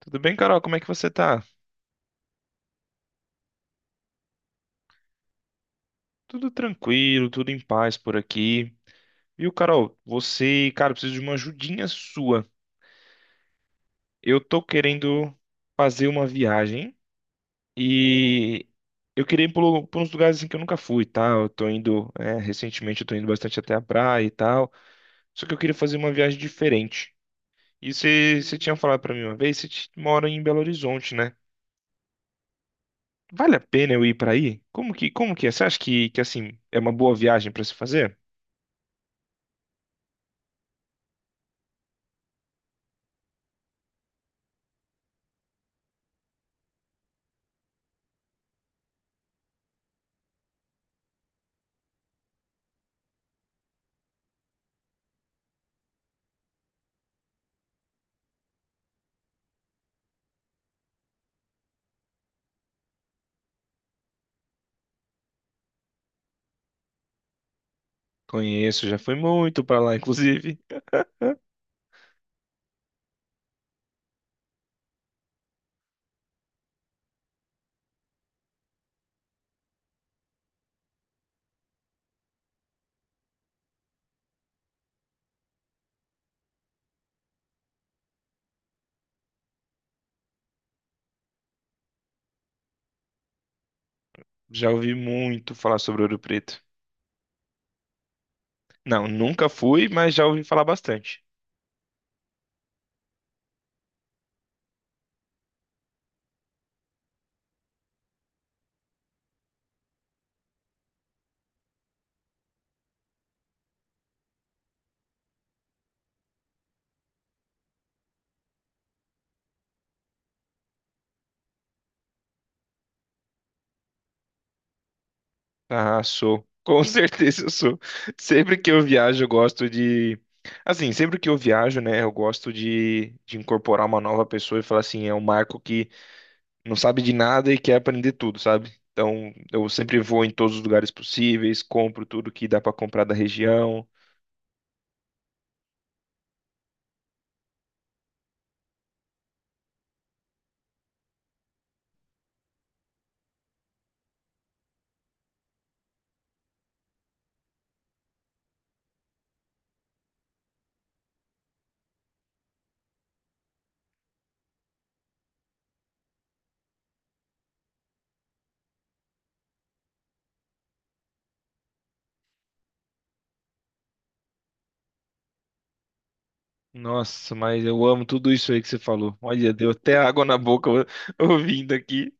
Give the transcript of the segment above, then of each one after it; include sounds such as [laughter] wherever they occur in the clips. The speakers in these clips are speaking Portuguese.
Tudo bem, Carol? Como é que você tá? Tudo tranquilo, tudo em paz por aqui. Viu, Carol? Você, cara, eu preciso de uma ajudinha sua. Eu tô querendo fazer uma viagem e eu queria ir por uns lugares assim, que eu nunca fui, tá? Eu tô indo, recentemente eu tô indo bastante até a praia e tal. Só que eu queria fazer uma viagem diferente. E você tinha falado pra mim uma vez, mora em Belo Horizonte, né? Vale a pena eu ir pra aí? Como que é? Você acha que assim, é uma boa viagem pra se fazer? Conheço, já fui muito pra lá, inclusive. Já ouvi muito falar sobre Ouro Preto. Não, nunca fui, mas já ouvi falar bastante. Ah, sou. Com [laughs] certeza eu sou. Sempre que eu viajo, eu gosto de. Assim, sempre que eu viajo, né, eu gosto de incorporar uma nova pessoa e falar assim, é um Marco que não sabe de nada e quer aprender tudo, sabe? Então, eu sempre vou em todos os lugares possíveis, compro tudo que dá pra comprar da região. Nossa, mas eu amo tudo isso aí que você falou. Olha, deu até água na boca [laughs] ouvindo aqui.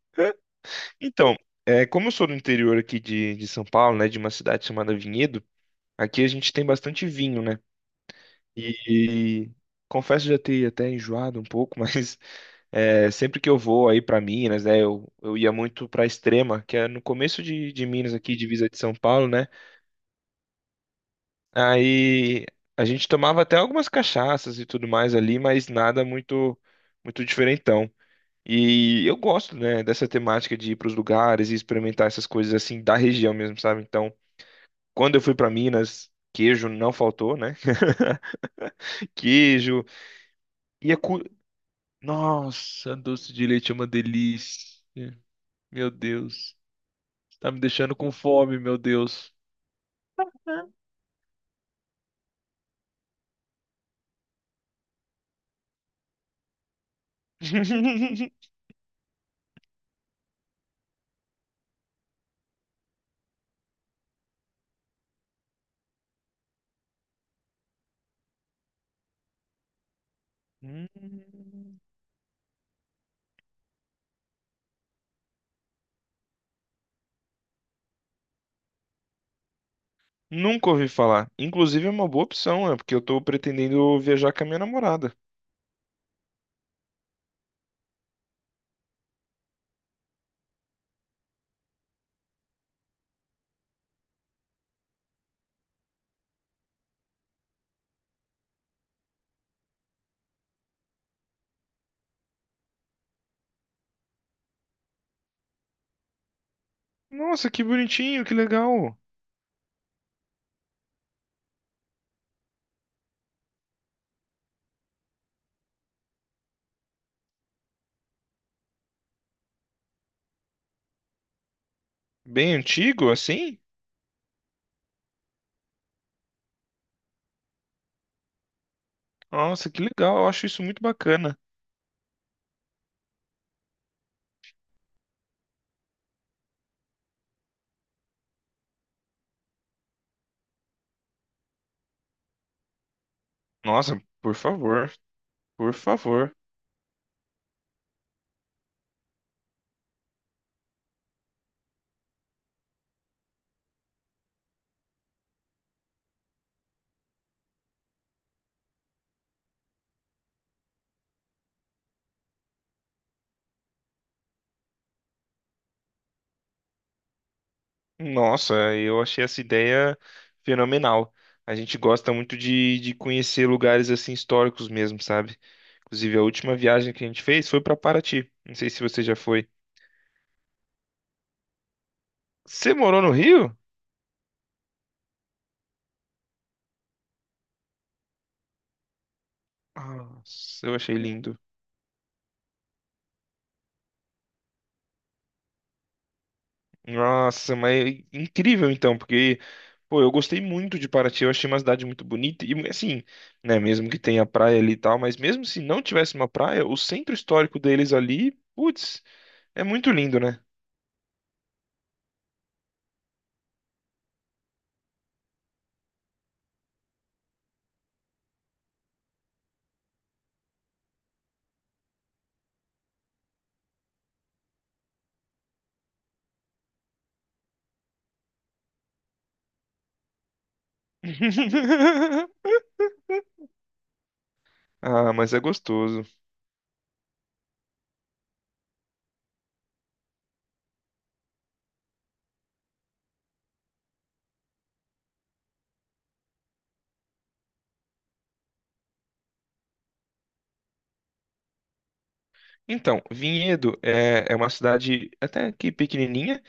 Então, é, como eu sou do interior aqui de São Paulo, né, de uma cidade chamada Vinhedo, aqui a gente tem bastante vinho, né? E confesso já ter até enjoado um pouco, [laughs] mas é, sempre que eu vou aí para Minas, né, eu ia muito para Extrema, que é no começo de Minas aqui, divisa de São Paulo, né? Aí a gente tomava até algumas cachaças e tudo mais ali, mas nada muito diferentão. E eu gosto, né, dessa temática de ir para os lugares e experimentar essas coisas assim da região mesmo, sabe? Então, quando eu fui para Minas, queijo não faltou, né? [laughs] Queijo e a cu... Nossa, doce de leite é uma delícia. Meu Deus, tá me deixando com fome, meu Deus. [laughs] Hum. Nunca ouvi falar. Inclusive é uma boa opção, é porque eu tô pretendendo viajar com a minha namorada. Nossa, que bonitinho, que legal. Bem antigo, assim? Nossa, que legal, eu acho isso muito bacana. Nossa, por favor, por favor. Nossa, eu achei essa ideia fenomenal. A gente gosta muito de conhecer lugares assim históricos mesmo, sabe? Inclusive, a última viagem que a gente fez foi para Paraty. Não sei se você já foi. Você morou no Rio? Nossa, eu achei lindo. Nossa, mas é incrível então, porque, pô, eu gostei muito de Paraty, eu achei uma cidade muito bonita, e assim, né, mesmo que tenha praia ali e tal, mas mesmo se não tivesse uma praia, o centro histórico deles ali, putz, é muito lindo, né? [laughs] Ah, mas é gostoso. Então, Vinhedo é uma cidade até que pequenininha,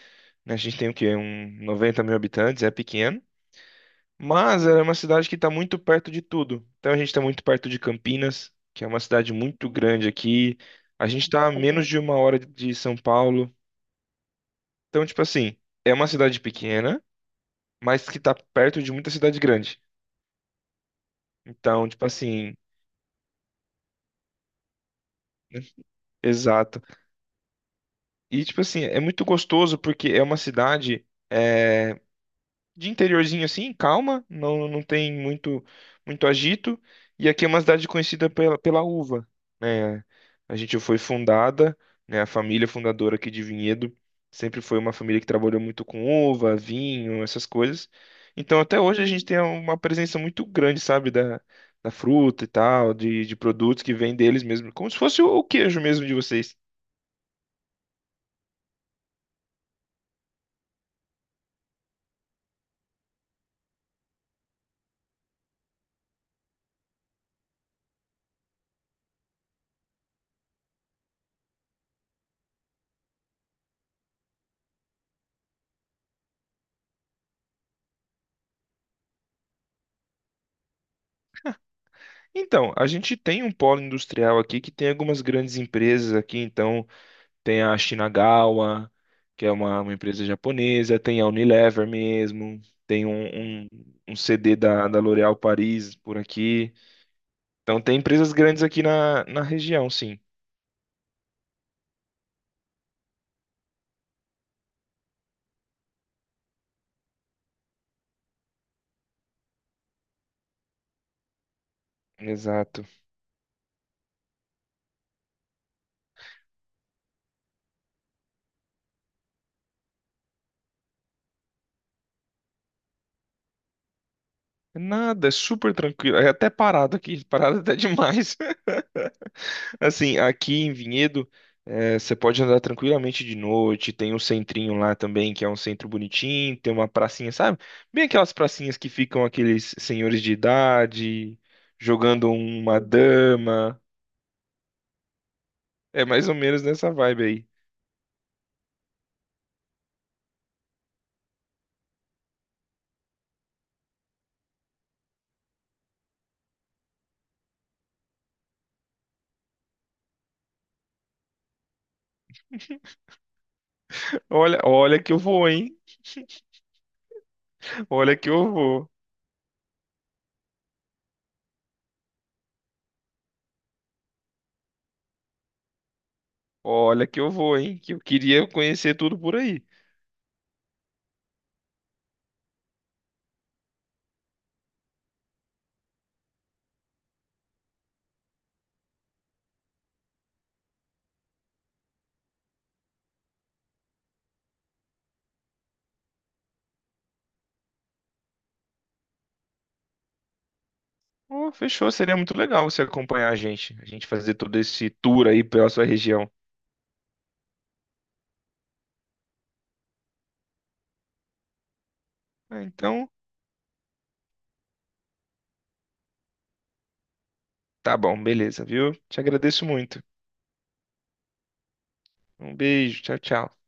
né? A gente tem o quê? Um 90 mil habitantes, é pequeno. Mas ela é uma cidade que está muito perto de tudo. Então a gente está muito perto de Campinas, que é uma cidade muito grande aqui. A gente está a menos de uma hora de São Paulo. Então, tipo assim, é uma cidade pequena, mas que está perto de muita cidade grande. Então, tipo assim, exato. E, tipo assim, é muito gostoso porque é uma cidade. Eh, de interiorzinho assim, calma, não tem muito agito. E aqui é uma cidade conhecida pela uva, né? A gente foi fundada, né? A família fundadora aqui de Vinhedo sempre foi uma família que trabalhou muito com uva, vinho, essas coisas. Então até hoje a gente tem uma presença muito grande, sabe, da, da fruta e tal, de produtos que vêm deles mesmo, como se fosse o queijo mesmo de vocês. Então, a gente tem um polo industrial aqui que tem algumas grandes empresas aqui, então tem a Shinagawa, que é uma empresa japonesa, tem a Unilever mesmo, tem um CD da L'Oréal Paris por aqui. Então tem empresas grandes aqui na, na região, sim. Exato. Nada, é super tranquilo. É até parado aqui, [laughs] parado até demais. Assim, aqui em Vinhedo, eh, você pode andar tranquilamente de noite. Tem um centrinho lá também, que é um centro bonitinho. Tem uma pracinha, sabe? Bem aquelas pracinhas que ficam aqueles senhores de idade jogando uma dama. É mais ou menos nessa vibe aí. Olha, olha que eu vou, hein? Olha que eu vou. Olha que eu vou, hein? Que eu queria conhecer tudo por aí. Oh, fechou, seria muito legal você acompanhar a gente. A gente fazer todo esse tour aí pela sua região. É, então. Tá bom, beleza, viu? Te agradeço muito. Um beijo, tchau, tchau.